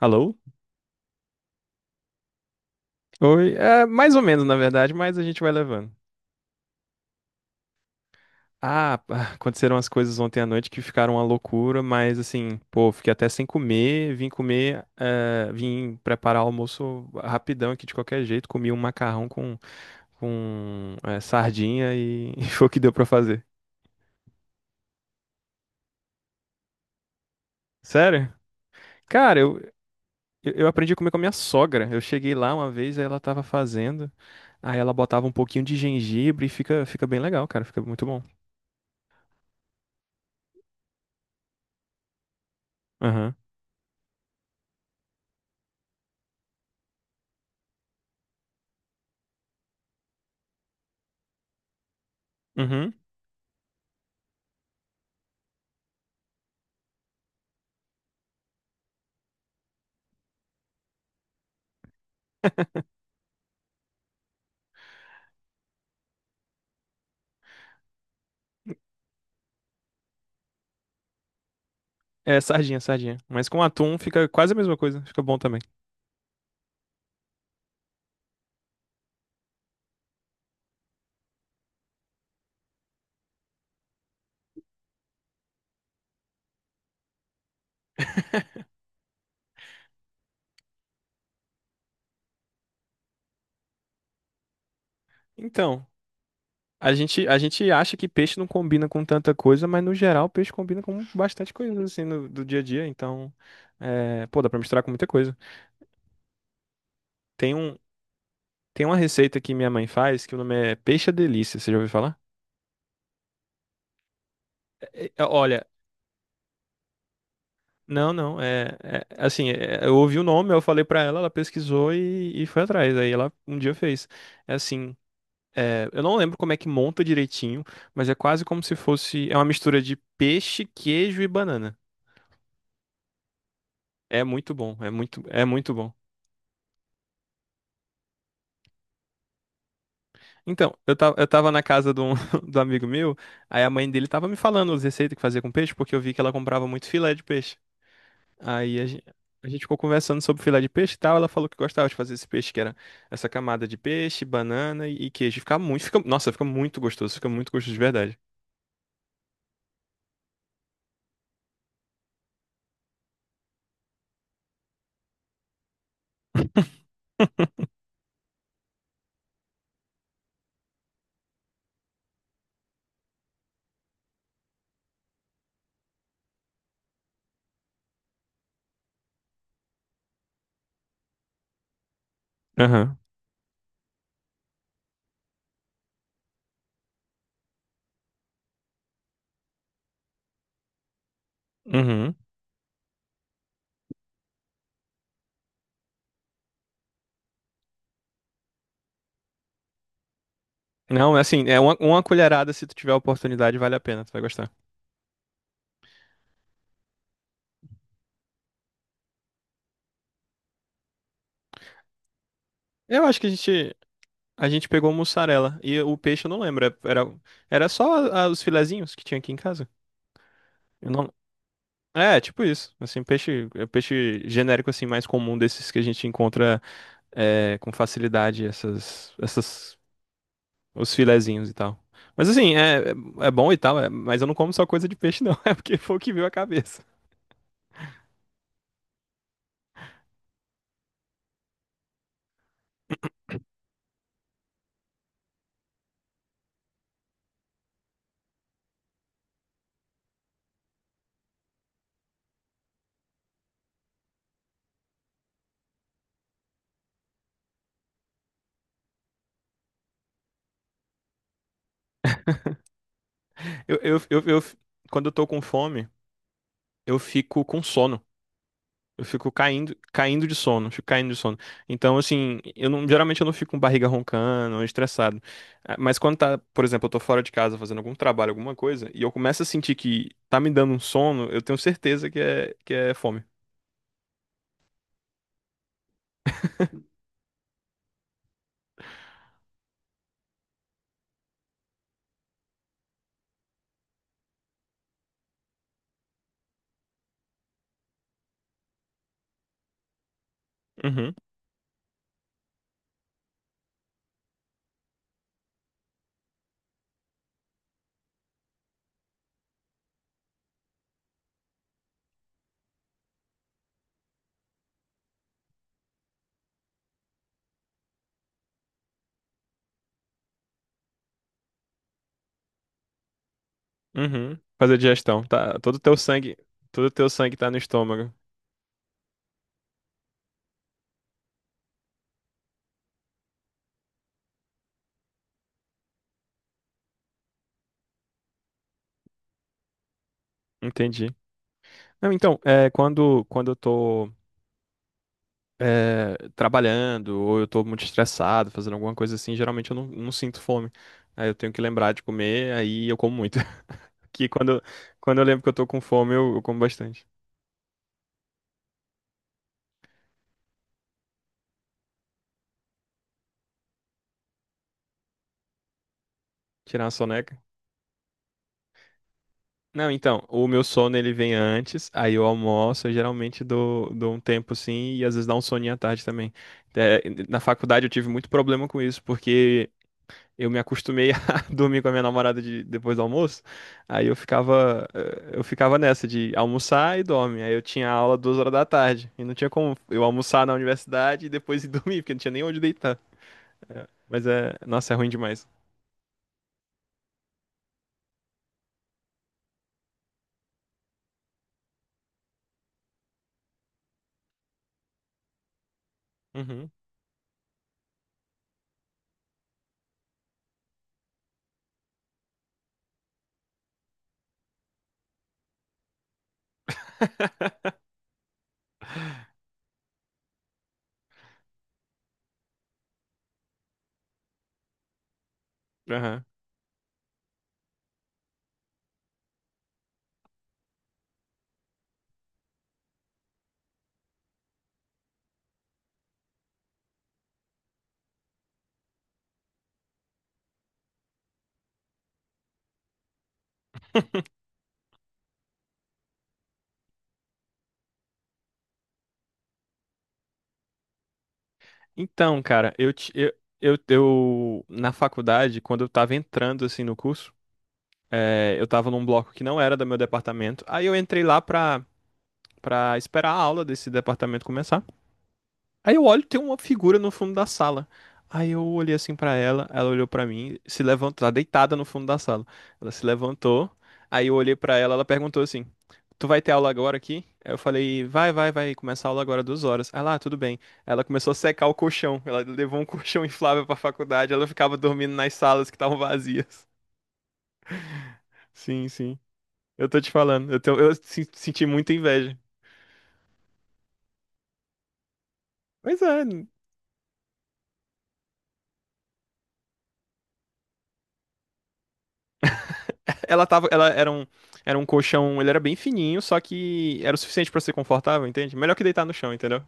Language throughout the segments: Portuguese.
Alô? Oi, é mais ou menos na verdade, mas a gente vai levando. Ah, pá, aconteceram as coisas ontem à noite que ficaram uma loucura, mas assim, pô, fiquei até sem comer, vim comer, vim preparar o almoço rapidão aqui de qualquer jeito, comi um macarrão com, com sardinha e, e foi o que deu pra fazer. Sério? Cara, eu aprendi a comer com a minha sogra. Eu cheguei lá uma vez, aí ela tava fazendo, aí ela botava um pouquinho de gengibre e fica, fica bem legal, cara, fica muito bom. Aham. Uhum. É, sardinha, sardinha. Mas com atum fica quase a mesma coisa, fica bom também. Então, a gente acha que peixe não combina com tanta coisa, mas no geral peixe combina com bastante coisa, assim, do dia a dia. Então, é, pô, dá pra misturar com muita coisa. Tem um, tem uma receita que minha mãe faz, que o nome é Peixe à Delícia, você já ouviu falar? É, é, olha, não, não, é, é, assim, é, eu ouvi o nome, eu falei pra ela, ela pesquisou e foi atrás. Aí ela um dia fez. É assim. É, eu não lembro como é que monta direitinho, mas é quase como se fosse. É uma mistura de peixe, queijo e banana. É muito bom, é muito bom. Então, eu tava na casa de um, do amigo meu, aí a mãe dele tava me falando as receitas que fazia com peixe, porque eu vi que ela comprava muito filé de peixe. Aí a gente ficou conversando sobre filé de peixe e tal, ela falou que gostava de fazer esse peixe, que era essa camada de peixe, banana e queijo. Fica muito, fica, nossa, fica muito gostoso de verdade. Aham. Uhum. Não, é assim, é uma colherada, se tu tiver a oportunidade, vale a pena, tu vai gostar. Eu acho que a gente pegou mussarela e o peixe eu não lembro, era só os filezinhos que tinha aqui em casa. Eu não, é, tipo isso, assim, peixe, é peixe genérico assim mais comum desses que a gente encontra é, com facilidade, essas, essas, os filezinhos e tal. Mas assim, é, é bom e tal, é, mas eu não como só coisa de peixe não, é porque foi o que veio a cabeça. Eu, eu, eu, eu, Quando eu tô com fome, eu fico com sono. Eu fico caindo, caindo de sono, fico caindo de sono. Então, assim, eu não, geralmente eu não fico com barriga roncando, estressado. Ah, mas quando tá, por exemplo, eu tô fora de casa fazendo algum trabalho, alguma coisa, e eu começo a sentir que tá me dando um sono, eu tenho certeza que é fome. Uhum, uhum. Fazer digestão, tá? todo teu sangue tá no estômago. Entendi. Não, então, é, quando eu tô é, trabalhando, ou eu tô muito estressado, fazendo alguma coisa assim, geralmente eu não, não sinto fome. Aí eu tenho que lembrar de comer, aí eu como muito. Que quando, quando eu lembro que eu tô com fome, eu como bastante. Tirar uma soneca. Não, então, o meu sono ele vem antes, aí eu almoço, eu geralmente dou, dou um tempo assim, e às vezes dá um soninho à tarde também. É, na faculdade eu tive muito problema com isso, porque eu me acostumei a dormir com a minha namorada depois do almoço. Aí eu ficava nessa de almoçar e dorme. Aí eu tinha aula 2 horas da tarde. E não tinha como eu almoçar na universidade e depois ir dormir, porque não tinha nem onde deitar. Mas é, nossa, é ruim demais. Uhum. Aham. Então, cara, eu, ti- eu- na faculdade, quando eu tava entrando assim no curso, eu tava num bloco que não era do meu departamento. Aí eu entrei lá pra, pra esperar a aula desse departamento começar. Aí eu olho, tem uma figura no fundo da sala. Aí eu olhei assim pra ela, ela olhou pra mim, se levantou, tá deitada no fundo da sala. Ela se levantou, aí eu olhei pra ela, ela perguntou assim: Tu vai ter aula agora aqui? Aí eu falei: Vai, vai, vai, começar a aula agora 2 horas. Ela, ah, tudo bem. Ela começou a secar o colchão, ela levou um colchão inflável pra faculdade, ela ficava dormindo nas salas que estavam vazias. Sim, sim. Eu tô te falando, eu, tenho- eu se- senti muita inveja. Pois é. Ela tava, ela era um colchão, ele era bem fininho, só que era o suficiente pra ser confortável, entende? Melhor que deitar no chão, entendeu?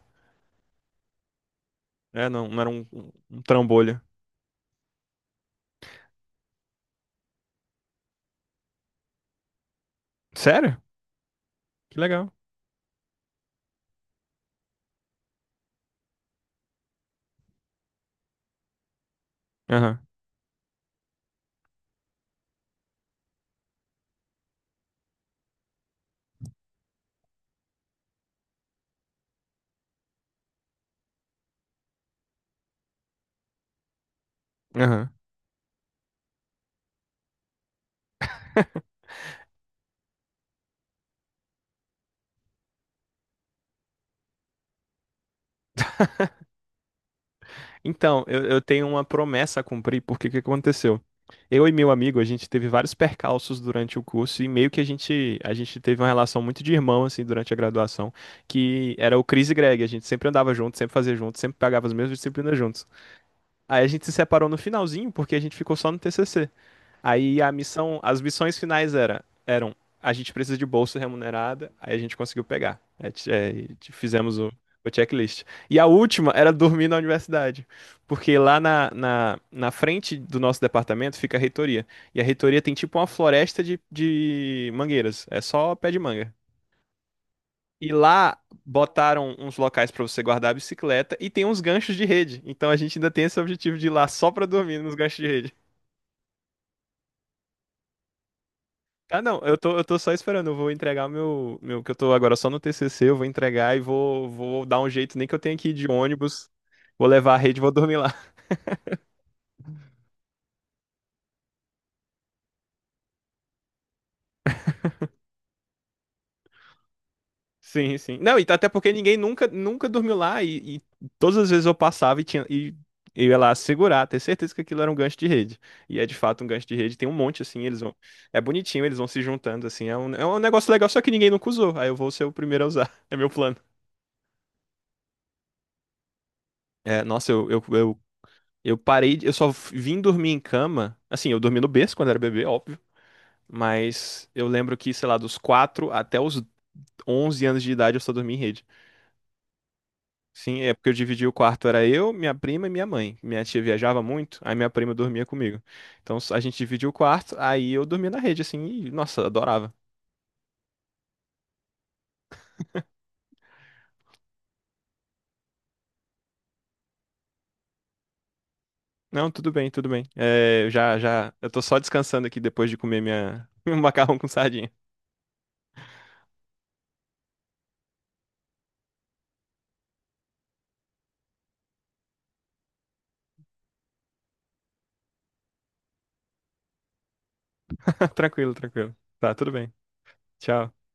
É, não, não era um trambolho. Sério? Que legal. Aham, aham. Então, eu tenho uma promessa a cumprir, porque o que aconteceu? Eu e meu amigo, a gente teve vários percalços durante o curso e meio que a gente teve uma relação muito de irmão, assim, durante a graduação, que era o Chris e Greg. A gente sempre andava junto, sempre fazia junto, sempre pagava as mesmas disciplinas juntos. Aí a gente se separou no finalzinho, porque a gente ficou só no TCC. Aí as missões finais era, a gente precisa de bolsa remunerada, aí a gente conseguiu pegar. É, é, fizemos o checklist. E a última era dormir na universidade, porque lá na, na frente do nosso departamento fica a reitoria. E a reitoria tem tipo uma floresta de mangueiras, é só pé de manga. E lá botaram uns locais pra você guardar a bicicleta e tem uns ganchos de rede. Então a gente ainda tem esse objetivo de ir lá só pra dormir nos ganchos de rede. Ah, não, eu tô só esperando, eu vou entregar que eu tô agora só no TCC, eu vou entregar e vou dar um jeito, nem que eu tenha que ir de ônibus, vou levar a rede e vou dormir lá. Sim, sim. Não, e até porque ninguém nunca, nunca dormiu lá e todas as vezes eu passava e tinha, e eu ia lá segurar, ter certeza que aquilo era um gancho de rede. E é de fato um gancho de rede, tem um monte assim, eles vão, é bonitinho, eles vão se juntando assim, é um negócio legal, só que ninguém nunca usou, aí eu vou ser o primeiro a usar, é meu plano. É, nossa, Eu parei, eu só vim dormir em cama. Assim, eu dormi no berço quando era bebê, óbvio. Mas eu lembro que, sei lá, dos 4 até os 11 anos de idade eu só dormi em rede. Sim, é porque eu dividi o quarto, era eu, minha prima e minha mãe. Minha tia viajava muito, aí minha prima dormia comigo. Então a gente dividia o quarto, aí eu dormia na rede, assim, e, nossa, adorava. Não, tudo bem, tudo bem. É, eu já, já, eu tô só descansando aqui depois de comer minha, meu macarrão com sardinha. Tranquilo, tranquilo. Tá, tudo bem. Tchau.